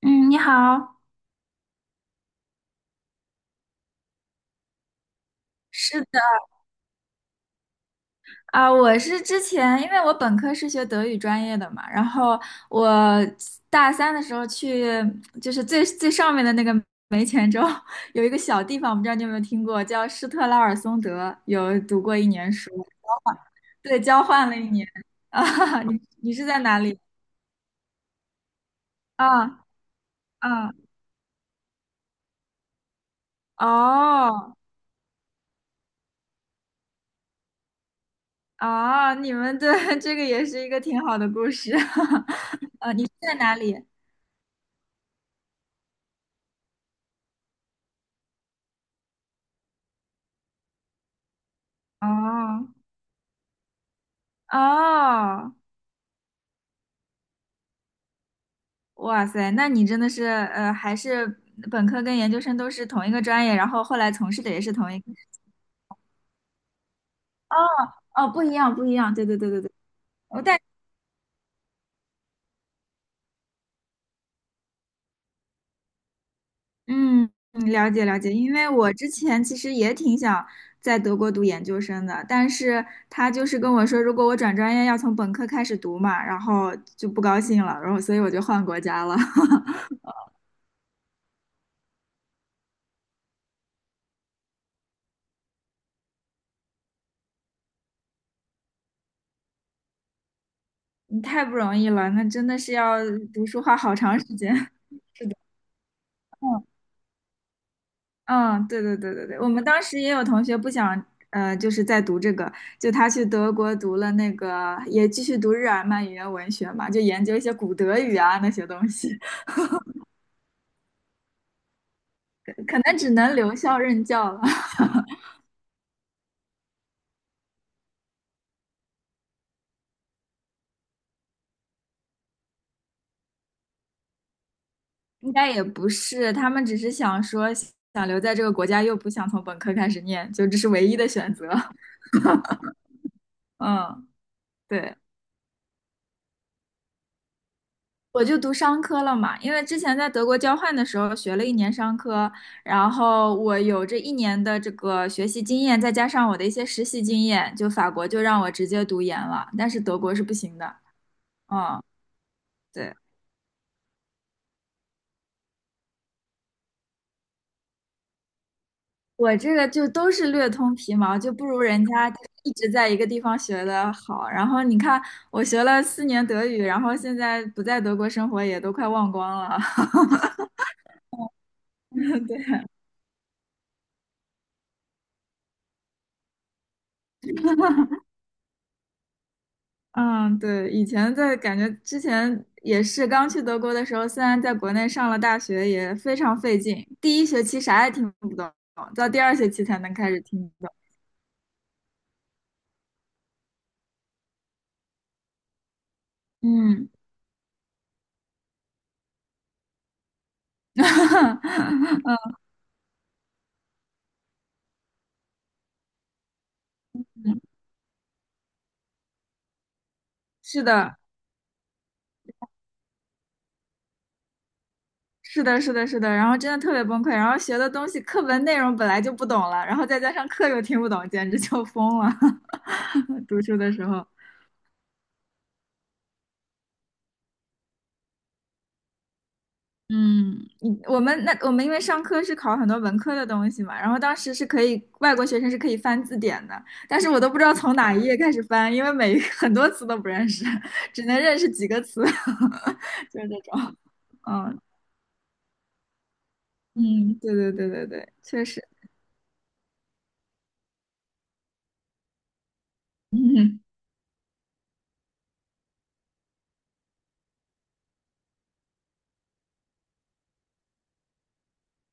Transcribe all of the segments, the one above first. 嗯，你好，是的，我是之前，因为我本科是学德语专业的嘛，然后我大三的时候去，就是最最上面的那个煤前州 有一个小地方，我不知道你有没有听过，叫施特拉尔松德，有读过一年书，对，交换了一年。啊，你是在哪里？啊啊哦哦，你们对 这个也是一个挺好的故事，在哪里？哦哦哇塞，那你真的是还是本科跟研究生都是同一个专业，然后后来从事的也是同一个。哦哦，不一样，不一样。对对对对对。我但嗯，嗯了解了解，因为我之前其实也挺想在德国读研究生的，但是他就是跟我说，如果我转专业要从本科开始读嘛，然后就不高兴了，然后所以我就换国家了。你太不容易了，那真的是要读书花好长时间。嗯。嗯，对对对对对，我们当时也有同学不想，就是在读这个，就他去德国读了那个，也继续读日耳曼语言文学嘛，就研究一些古德语啊那些东西，可能只能留校任教了，应该也不是，他们只是想说想留在这个国家，又不想从本科开始念，就这是唯一的选择。嗯，对。我就读商科了嘛，因为之前在德国交换的时候学了一年商科，然后我有这一年的这个学习经验，再加上我的一些实习经验，就法国就让我直接读研了，但是德国是不行的。嗯，对，我这个就都是略通皮毛，就不如人家就是一直在一个地方学的好。然后你看，我学了四年德语，然后现在不在德国生活也都快忘光了。对，嗯，对，以前在感觉之前也是刚去德国的时候，虽然在国内上了大学，也非常费劲，第一学期啥也听不懂，到第二学期才能开始听懂。嗯，嗯是的，是的，是的，是的，然后真的特别崩溃，然后学的东西课文内容本来就不懂了，然后再加上课又听不懂，简直就疯了。读书的时候，嗯，你我们那我们因为上课是考很多文科的东西嘛，然后当时是可以外国学生是可以翻字典的，但是我都不知道从哪一页开始翻，因为每一个很多词都不认识，只能认识几个词，就是这种。嗯嗯，对对对对对，确实。嗯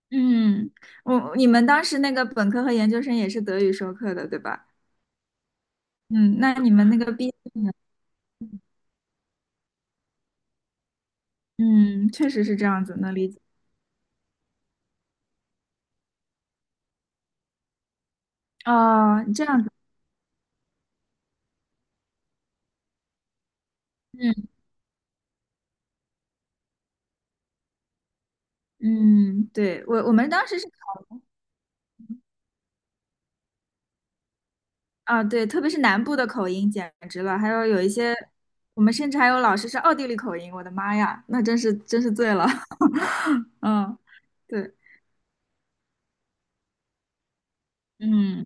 嗯，你们当时那个本科和研究生也是德语授课的，对吧？嗯，那你们那个毕业呢嗯，确实是这样子，能理解。哦，这样子。嗯嗯，对，我们当时是。啊，对，特别是南部的口音简直了，还有有一些，我们甚至还有老师是奥地利口音，我的妈呀，那真是真是醉了。嗯，对，嗯，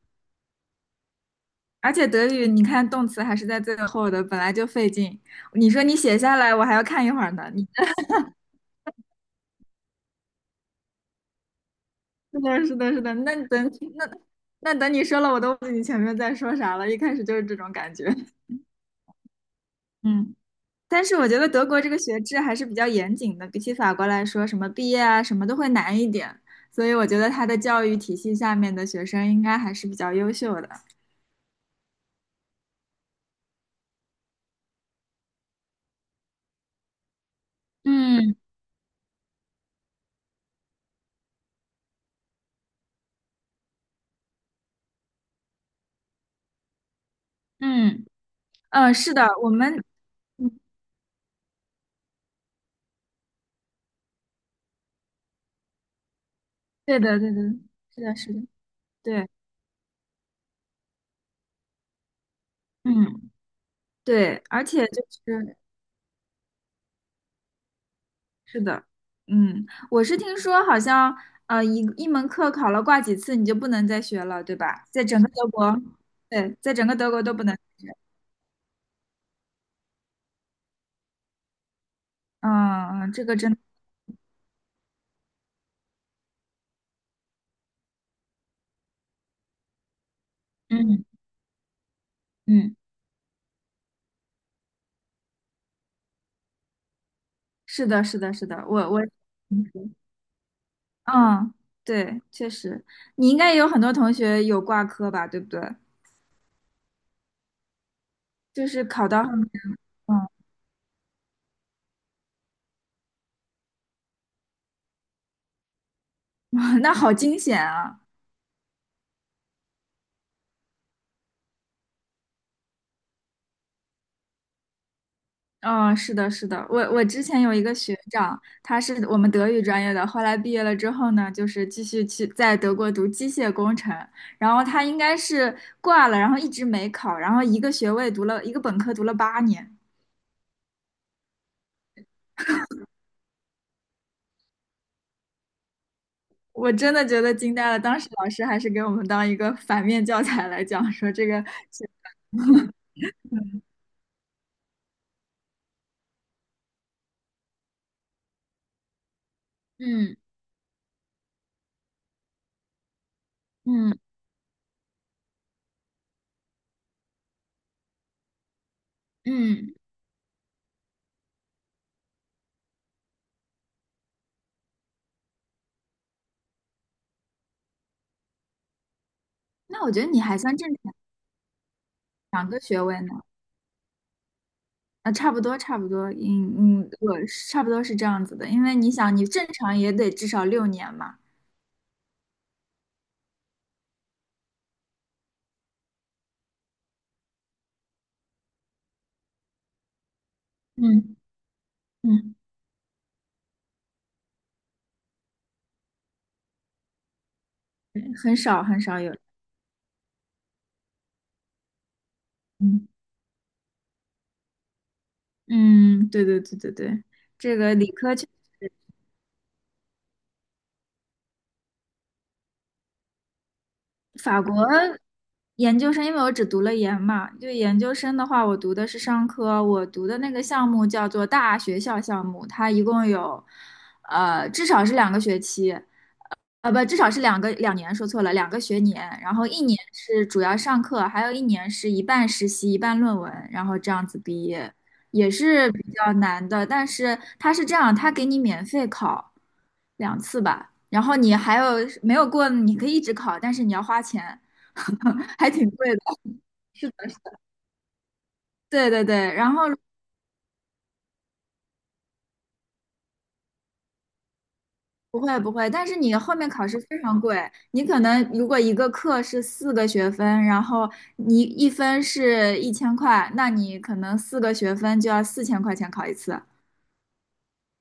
而且德语你看动词还是在最后的，本来就费劲，你说你写下来，我还要看一会儿呢。是的，是的，是的，那那等你说了，我都忘记你前面在说啥了，一开始就是这种感觉。嗯。但是我觉得德国这个学制还是比较严谨的，比起法国来说，什么毕业啊，什么都会难一点。所以我觉得它的教育体系下面的学生应该还是比较优秀的。嗯嗯嗯，是的，我们，嗯对的对的，是的是的，对，嗯对，而且就是是的，嗯，我是听说好像一门课考了挂几次你就不能再学了，对吧？在整个德国，对，在整个德国都不能。嗯，这个真的嗯嗯。是的，是的，是的，我，嗯，对，确实，你应该也有很多同学有挂科吧，对不对？就是考到很，嗯，那好惊险啊！嗯，是的，是的，我之前有一个学长，他是我们德语专业的，后来毕业了之后呢，就是继续去在德国读机械工程，然后他应该是挂了，然后一直没考，然后一个学位读了一个本科读了八年。我真的觉得惊呆了，当时老师还是给我们当一个反面教材来讲，说这个是嗯嗯嗯，那我觉得你还算正常，两个学位呢，啊，差不多差不多，嗯嗯，我是差不多是这样子的，因为你想，你正常也得至少六年嘛，嗯嗯，少很少有，嗯嗯，对对对对对，这个理科确法国。研究生，因为我只读了研嘛，就研究生的话，我读的是商科，我读的那个项目叫做大学校项目，它一共有，至少是两个学期，不，至少是两个两年，说错了，两个学年，然后一年是主要上课，还有一年是一半实习，一半论文，然后这样子毕业，也是比较难的，但是它是这样，它给你免费考两次吧，然后你还有没有过，你可以一直考，但是你要花钱。还挺贵的。对对对，然后不会不会，但是你后面考试非常贵，你可能如果一个课是四个学分，然后你一分是一千块，那你可能四个学分就要四千块钱考一次。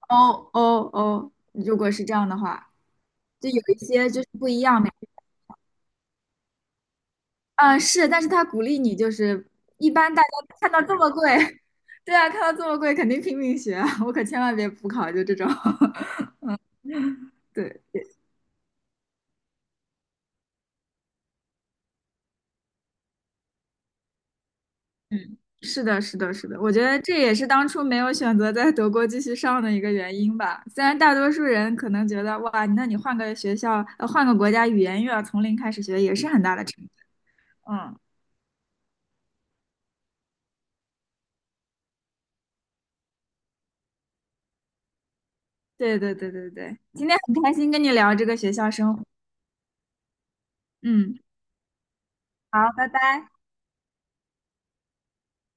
哦哦哦，如果是这样的话，就有一些就是不一样的。嗯，是，但是他鼓励你，就是一般大家看到这么贵，对啊，看到这么贵肯定拼命学啊，我可千万别补考，就这种，对。嗯，是的，是的，是的，我觉得这也是当初没有选择在德国继续上的一个原因吧。虽然大多数人可能觉得，哇，那你换个学校，换个国家，语言又要从零开始学，也是很大的成就。嗯，对对对对对，今天很开心跟你聊这个学校生活。嗯，好，拜拜。